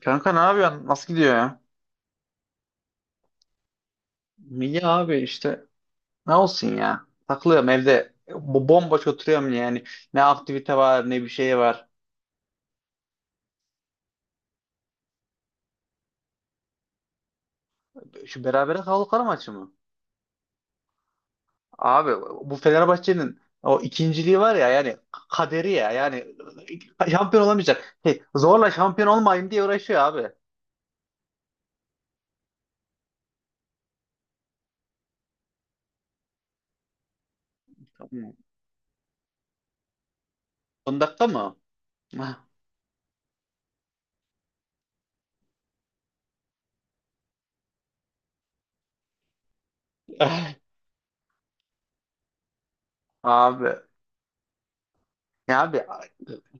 Kanka ne yapıyorsun? Nasıl gidiyor ya? İyi abi işte. Ne olsun ya? Takılıyorum evde. Bomboş oturuyorum yani. Ne aktivite var ne bir şey var. Şu berabere kaldıkları maçı mı? Abi bu Fenerbahçe'nin o ikinciliği var ya, yani kaderi ya, yani şampiyon olamayacak. Hey, zorla şampiyon olmayayım diye uğraşıyor abi. Son dakika mı? Abi Abi,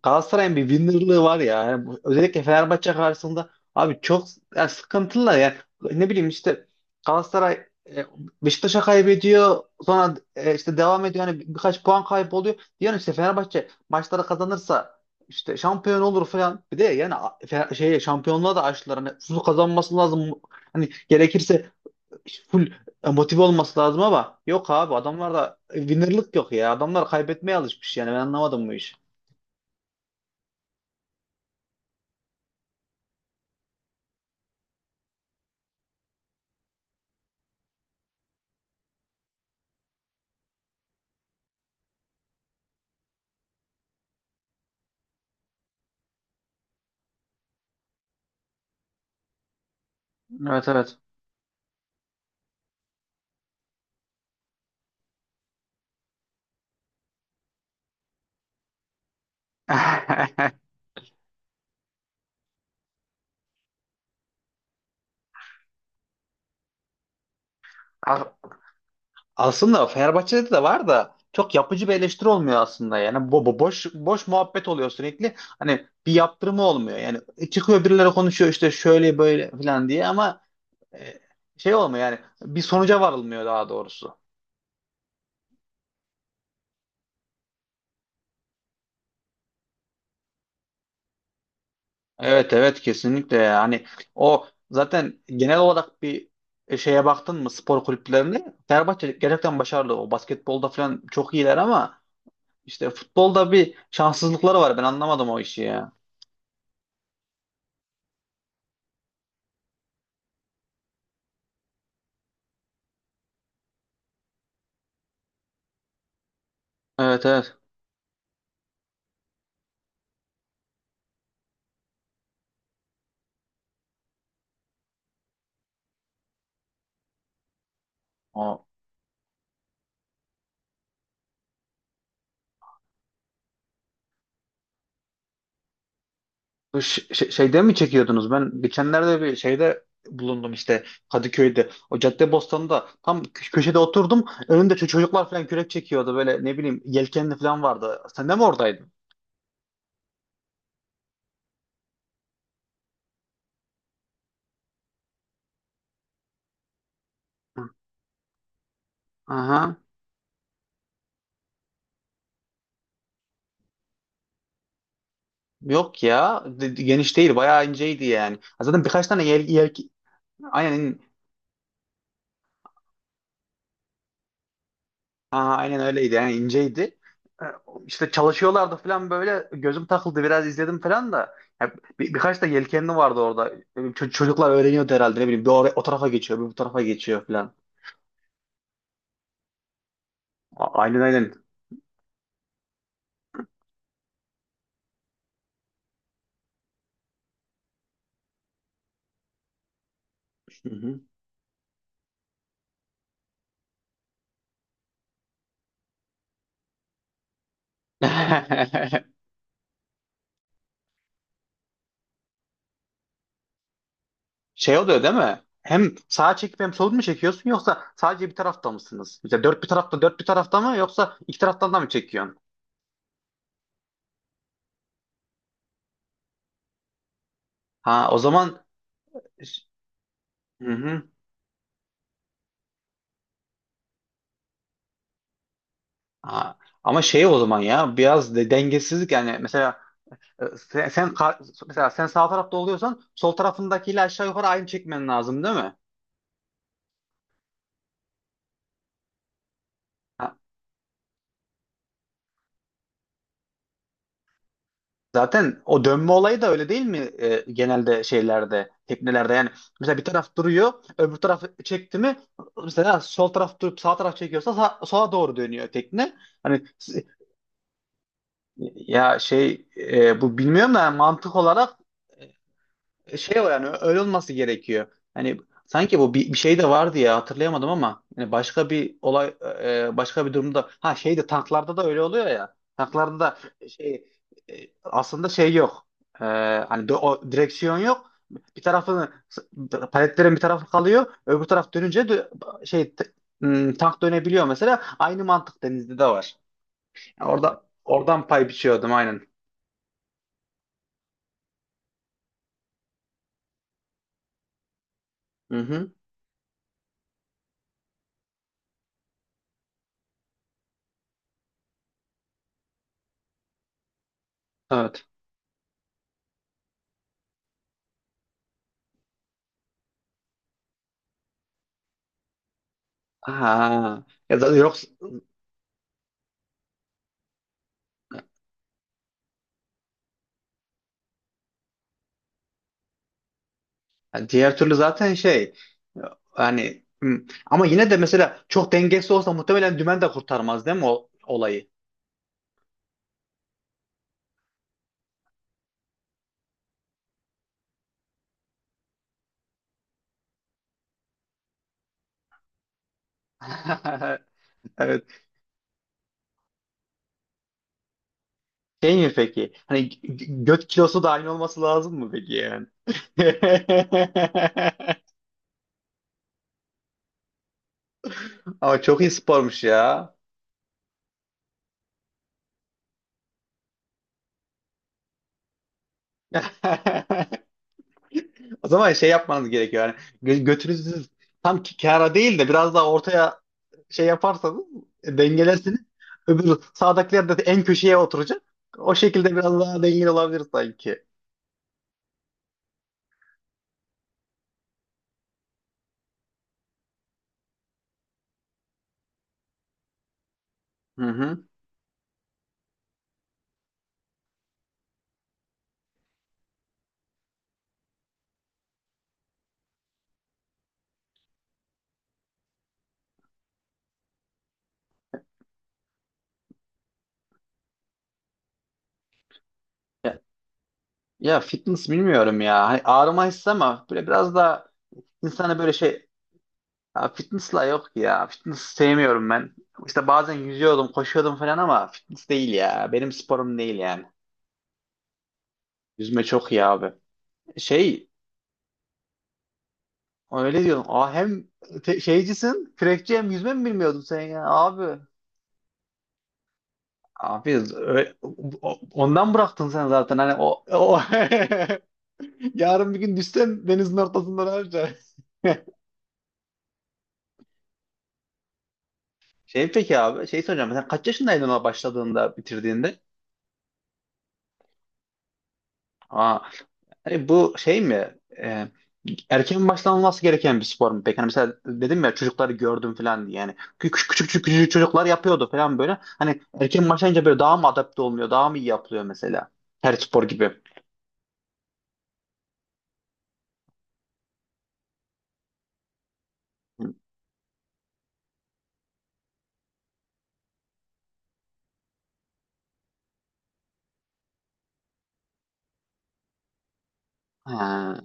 Galatasaray'ın bir winner'lığı var ya. Özellikle Fenerbahçe karşısında abi çok, yani sıkıntılar yani. Ne bileyim işte, Galatasaray Beşiktaş'a kaybediyor. Sonra işte devam ediyor. Yani birkaç puan kayboluyor. Diyorsun işte Fenerbahçe maçları kazanırsa işte şampiyon olur falan. Bir de yani şey, şampiyonluğa da açtılar. Hani full kazanması lazım. Hani gerekirse full motive olması lazım, ama yok abi, adamlarda winner'lık yok ya. Adamlar kaybetmeye alışmış yani. Ben anlamadım bu işi. Evet, evet. A- Aslında Fenerbahçe'de de var da çok yapıcı bir eleştiri olmuyor aslında. Yani bu boş boş muhabbet oluyor sürekli. Hani bir yaptırımı olmuyor. Yani çıkıyor birileri konuşuyor işte şöyle böyle falan diye, ama e, şey olmuyor yani, bir sonuca varılmıyor daha doğrusu. Evet, evet, kesinlikle. Yani o zaten genel olarak bir şeye baktın mı spor kulüplerine, Fenerbahçe gerçekten başarılı. O basketbolda falan çok iyiler, ama işte futbolda bir şanssızlıkları var. Ben anlamadım o işi ya. Evet, evet. O şeyde mi çekiyordunuz? Ben geçenlerde bir şeyde bulundum işte, Kadıköy'de. O Caddebostan'da tam köşede oturdum. Önümde çocuklar falan kürek çekiyordu. Böyle ne bileyim yelkenli falan vardı. Sen de mi oradaydın? Hı. Aha. Yok ya. Geniş değil. Bayağı inceydi yani. Zaten birkaç tane aynen. Ha, aynen öyleydi yani, inceydi. E, İşte çalışıyorlardı falan, böyle gözüm takıldı, biraz izledim falan da. Ya, birkaç da yelkenli vardı orada. Çocuklar öğreniyordu herhalde, ne bileyim, bir oraya, o tarafa geçiyor, bir bu tarafa geçiyor falan. Aynen, aynen. Hı hı. Şey oluyor değil mi? Hem sağa çekip hem sol mu çekiyorsun, yoksa sadece bir tarafta mısınız? Mesela dört bir tarafta dört bir tarafta mı, yoksa iki taraftan da mı çekiyorsun? Ha, o zaman hı hı. Ha, ama şey o zaman ya, biraz de dengesizlik yani mesela. E, Sen, sen kar- Mesela sen sağ tarafta oluyorsan sol tarafındakiyle aşağı yukarı aynı çekmen lazım değil mi? Ha, zaten o dönme olayı da öyle değil mi genelde şeylerde, teknelerde yani. Mesela bir taraf duruyor, öbür taraf çekti mi, mesela sol taraf durup sağ taraf çekiyorsa sola doğru dönüyor tekne. Hani s- Ya şey, bu bilmiyorum da yani mantık olarak şey o yani, öyle olması gerekiyor. Hani sanki bu bir şey de vardı ya, hatırlayamadım ama yani başka bir olay, başka bir durumda. Ha, şey de tanklarda da öyle oluyor ya. Tanklarda da şey, e, aslında şey yok. E, Hani o direksiyon yok. Bir tarafını Paletlerin bir tarafı kalıyor. Öbür taraf dönünce tank dönebiliyor mesela. Aynı mantık denizde de var. Yani oradan pay biçiyordum aynen. Hı hı. Evet. Ha. Ya da yok. Yani diğer türlü zaten şey yani, ama yine de mesela çok dengesiz olsa muhtemelen dümen de kurtarmaz değil mi o olayı? Evet. Şey mi peki? Hani göt kilosu da aynı olması lazım mı peki yani? Ama çok iyi spormuş ya. O zaman şey yapmanız gerekiyor. Yani götünüzü tam kara değil de biraz daha ortaya şey yaparsanız dengelersiniz. Öbür sağdakiler de en köşeye oturacak. O şekilde biraz daha dengeli olabilir sanki. Hı hı. Ya, ya fitness bilmiyorum ya. Hani ağrıma hissi, ama böyle biraz daha insana böyle şey, ya fitness'la yok ya. Fitness sevmiyorum ben. İşte bazen yüzüyordum, koşuyordum falan, ama fitness değil ya. Benim sporum değil yani. Yüzme çok iyi abi. Şey, öyle diyorum. Aa, hem şeycisin, kürekçi, hem yüzme mi bilmiyordun sen ya abi? Abi ö- Ondan bıraktın sen zaten hani o yarın bir gün düşsen denizin ortasında ne yapacaksın? Şey peki abi, şey soracağım, sen kaç yaşındaydın ona başladığında, bitirdiğinde? Aa, hani bu şey mi erken başlanması gereken bir spor mu peki? Hani mesela dedim ya, çocukları gördüm falan diye, yani küçük çocuklar yapıyordu falan böyle, hani erken başlayınca böyle daha mı adapte olmuyor, daha mı iyi yapılıyor mesela her spor gibi? Ha.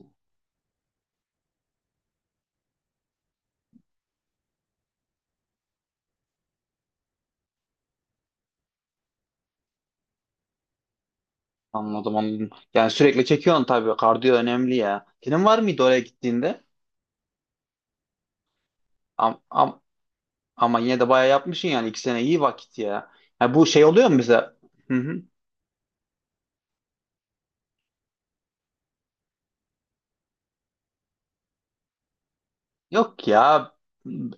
Anladım, anladım. Yani sürekli çekiyorsun tabii. Kardiyo önemli ya. Senin var mıydı oraya gittiğinde? Am, am, Ama yine de bayağı yapmışsın yani. 2 sene iyi vakit ya. Ya bu şey oluyor mu bize? Hı hı. Yok ya.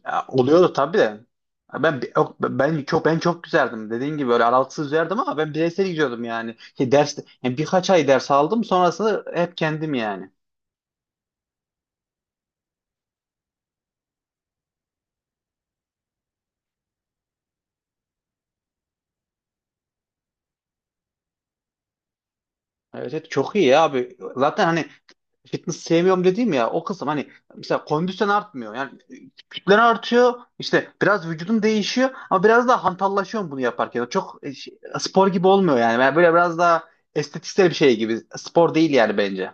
Ya, oluyordu tabii de. Ya Ben yok, ben çok Ben çok güzeldim. Dediğin gibi öyle aralıksız üzerdim, ama ben bireysel gidiyordum yani. Şey, ders, yani birkaç ay ders aldım, sonrasında hep kendim yani. Evet, evet, çok iyi ya abi. Zaten hani fitness sevmiyorum dediğim ya, o kısım hani mesela kondisyon artmıyor. Yani kütlen artıyor. İşte biraz vücudun değişiyor, ama biraz daha hantallaşıyorsun bunu yaparken. Çok şey, spor gibi olmuyor yani. Yani böyle biraz daha estetiksel bir şey gibi. Spor değil yani bence.